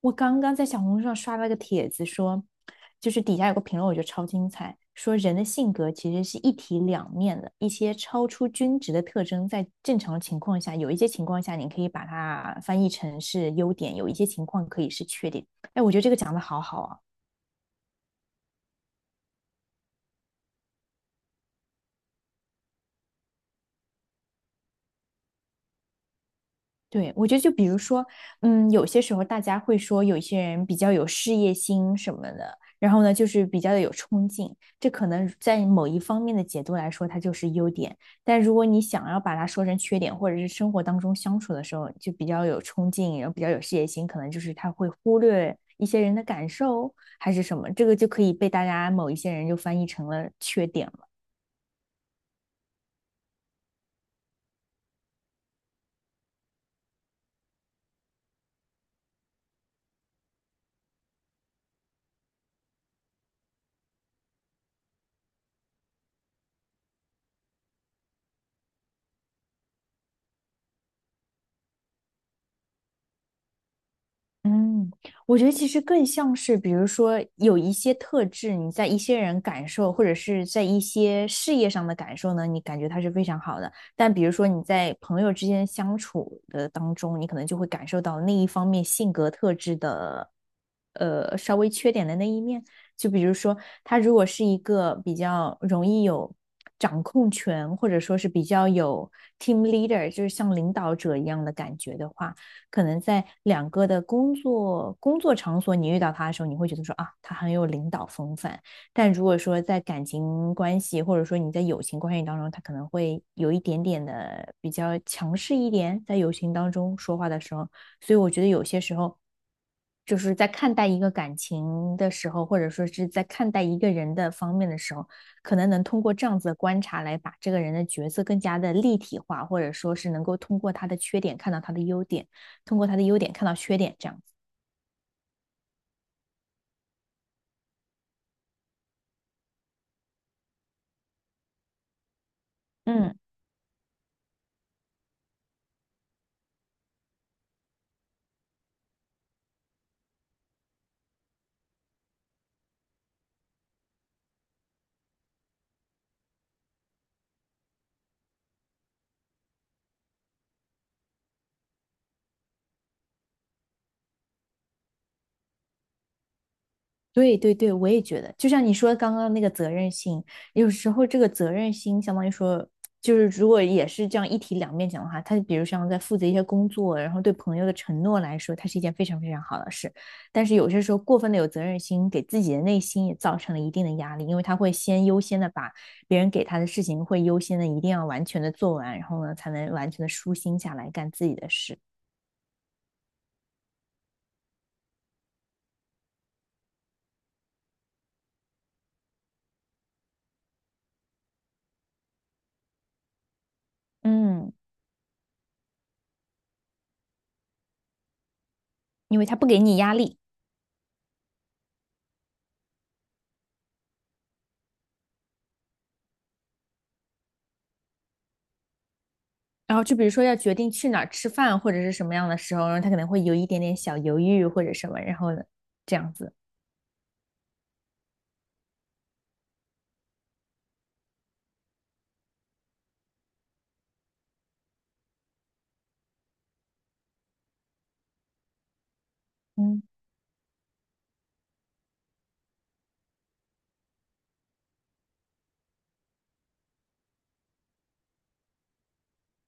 我刚刚在小红书上刷了个帖子说，就是底下有个评论，我觉得超精彩，说人的性格其实是一体两面的，一些超出均值的特征，在正常的情况下，有一些情况下你可以把它翻译成是优点，有一些情况可以是缺点。哎，我觉得这个讲的好好啊。对，我觉得就比如说，有些时候大家会说有一些人比较有事业心什么的，然后呢，就是比较的有冲劲，这可能在某一方面的解读来说，它就是优点。但如果你想要把它说成缺点，或者是生活当中相处的时候就比较有冲劲，然后比较有事业心，可能就是他会忽略一些人的感受还是什么，这个就可以被大家某一些人就翻译成了缺点。嗯，我觉得其实更像是，比如说有一些特质，你在一些人感受，或者是在一些事业上的感受呢，你感觉它是非常好的。但比如说你在朋友之间相处的当中，你可能就会感受到那一方面性格特质的，稍微缺点的那一面。就比如说，他如果是一个比较容易有掌控权，或者说是比较有 team leader，就是像领导者一样的感觉的话。可能在两个的工作场所，你遇到他的时候，你会觉得说啊，他很有领导风范。但如果说在感情关系，或者说你在友情关系当中，他可能会有一点点的比较强势一点，在友情当中说话的时候，所以我觉得有些时候。就是在看待一个感情的时候，或者说是在看待一个人的方面的时候，可能能通过这样子的观察来把这个人的角色更加的立体化，或者说是能够通过他的缺点看到他的优点。通过他的优点看到缺点，这样子。嗯，对对对，我也觉得，就像你说刚刚那个责任心，有时候这个责任心相当于说，就是如果也是这样一体两面讲的话，他比如像在负责一些工作，然后对朋友的承诺来说，它是一件非常非常好的事。但是有些时候过分的有责任心，给自己的内心也造成了一定的压力，因为他会先优先的把别人给他的事情会优先的一定要完全的做完，然后呢才能完全的舒心下来干自己的事。嗯，因为他不给你压力。然后就比如说要决定去哪儿吃饭或者是什么样的时候，然后他可能会有一点点小犹豫或者什么，然后呢，这样子，嗯。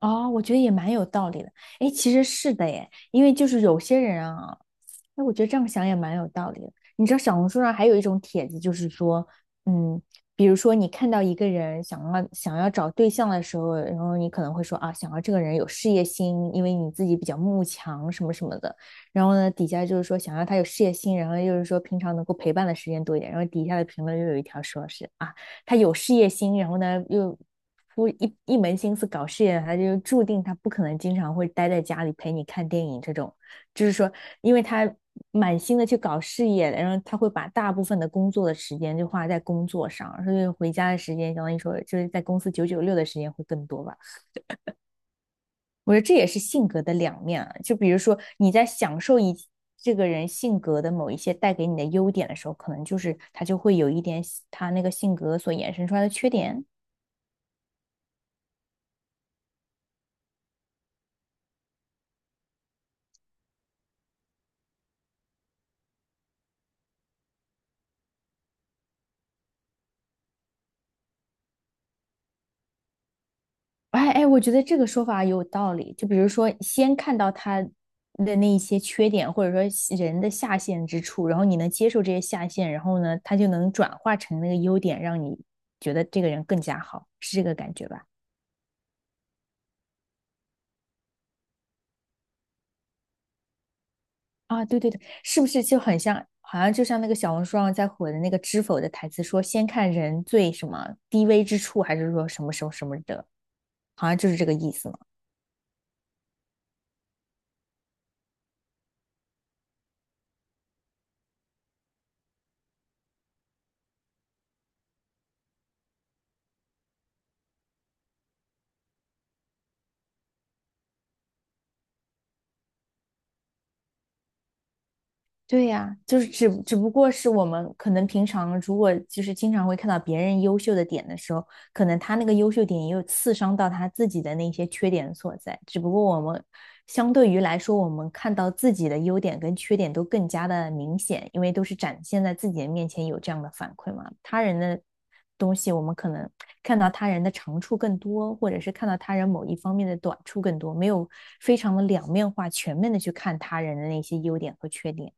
哦，我觉得也蛮有道理的。哎，其实是的耶，因为就是有些人啊，哎，我觉得这样想也蛮有道理的。你知道小红书上还有一种帖子，就是说，嗯，比如说你看到一个人想要找对象的时候，然后你可能会说啊，想要这个人有事业心，因为你自己比较慕强什么什么的。然后呢，底下就是说想要他有事业心，然后又是说平常能够陪伴的时间多一点。然后底下的评论又有一条说是啊，他有事业心，然后呢又不一门心思搞事业，他就注定他不可能经常会待在家里陪你看电影这种。就是说，因为他满心的去搞事业，然后他会把大部分的工作的时间就花在工作上，所以回家的时间，相当于说就是在公司九九六的时间会更多吧。我觉得这也是性格的两面啊。就比如说你在享受一这个人性格的某一些带给你的优点的时候，可能就是他就会有一点他那个性格所衍生出来的缺点。哎哎，我觉得这个说法有道理。就比如说，先看到他的那一些缺点，或者说是人的下限之处，然后你能接受这些下限，然后呢，他就能转化成那个优点，让你觉得这个人更加好，是这个感觉吧？啊，对对对，是不是就很像，好像就像那个小红书上在火的那个知否的台词说，先看人最什么低微之处，还是说什么什么什么的，好像就是这个意思嘛。对呀，就是只不过是我们可能平常如果就是经常会看到别人优秀的点的时候，可能他那个优秀点也有刺伤到他自己的那些缺点所在。只不过我们相对于来说，我们看到自己的优点跟缺点都更加的明显，因为都是展现在自己的面前有这样的反馈嘛。他人的东西，我们可能看到他人的长处更多，或者是看到他人某一方面的短处更多，没有非常的两面化、全面的去看他人的那些优点和缺点。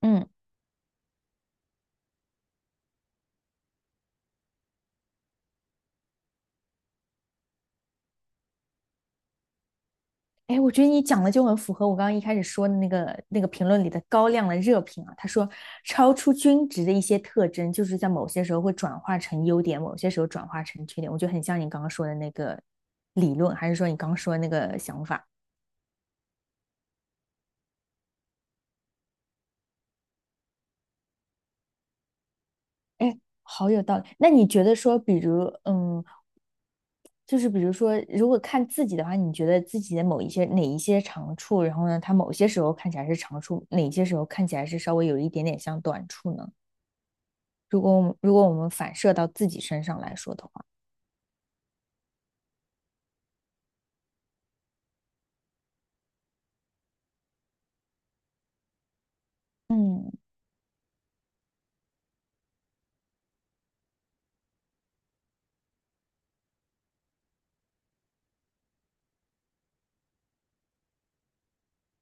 嗯，哎，我觉得你讲的就很符合我刚刚一开始说的那个评论里的高亮的热评啊。他说，超出均值的一些特征，就是在某些时候会转化成优点，某些时候转化成缺点。我觉得很像你刚刚说的那个理论，还是说你刚刚说的那个想法？哎，好有道理。那你觉得说，比如，就是比如说，如果看自己的话，你觉得自己的某一些哪一些长处，然后呢，他某些时候看起来是长处，哪些时候看起来是稍微有一点点像短处呢？如果我们反射到自己身上来说的话，嗯，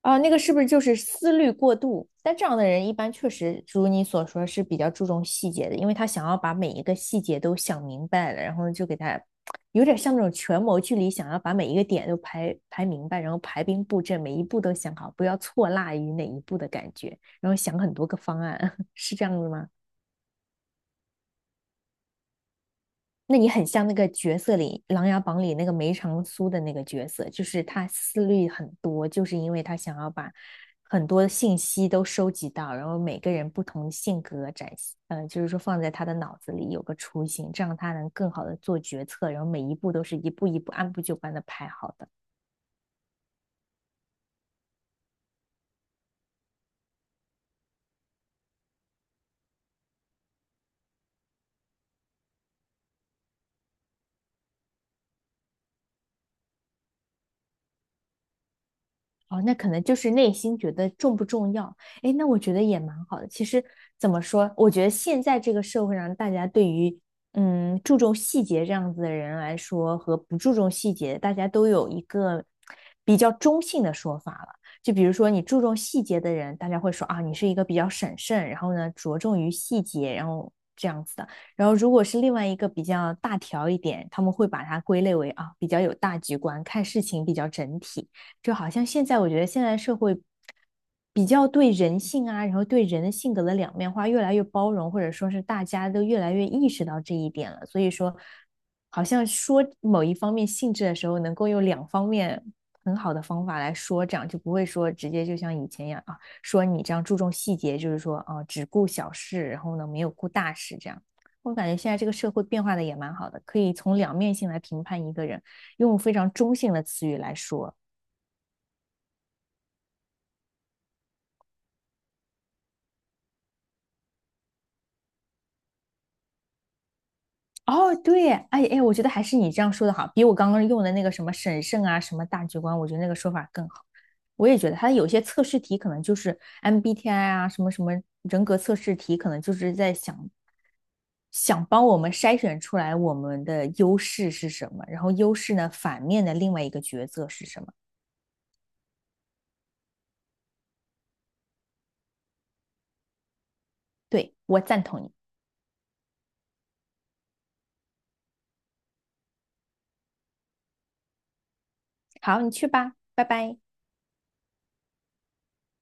啊，那个是不是就是思虑过度？但这样的人一般确实如你所说是比较注重细节的，因为他想要把每一个细节都想明白了，然后就给他有点像那种权谋剧里想要把每一个点都排明白，然后排兵布阵，每一步都想好，不要错落于哪一步的感觉，然后想很多个方案，是这样子吗？那你很像那个角色里《琅琊榜》里那个梅长苏的那个角色，就是他思虑很多，就是因为他想要把很多信息都收集到，然后每个人不同性格展现，就是说放在他的脑子里有个雏形，这样他能更好的做决策，然后每一步都是一步一步按部就班的排好的。哦，那可能就是内心觉得重不重要？哎，那我觉得也蛮好的。其实怎么说，我觉得现在这个社会上，大家对于注重细节这样子的人来说，和不注重细节，大家都有一个比较中性的说法了。就比如说，你注重细节的人，大家会说啊，你是一个比较审慎，然后呢着重于细节，然后这样子的。然后如果是另外一个比较大条一点，他们会把它归类为啊比较有大局观，看事情比较整体。就好像现在我觉得现在社会比较对人性啊，然后对人的性格的两面化越来越包容，或者说是大家都越来越意识到这一点了。所以说，好像说某一方面性质的时候，能够用两方面很好的方法来说，这样就不会说直接就像以前一样啊，说你这样注重细节，就是说啊，只顾小事，然后呢没有顾大事这样。我感觉现在这个社会变化的也蛮好的，可以从两面性来评判一个人，用非常中性的词语来说。哦，对，哎哎，我觉得还是你这样说的好，比我刚刚用的那个什么审慎啊、什么大局观，我觉得那个说法更好。我也觉得它有些测试题可能就是 MBTI 啊，什么什么人格测试题，可能就是在想帮我们筛选出来我们的优势是什么，然后优势呢，反面的另外一个角色是什么。对，我赞同你。好，你去吧，拜拜。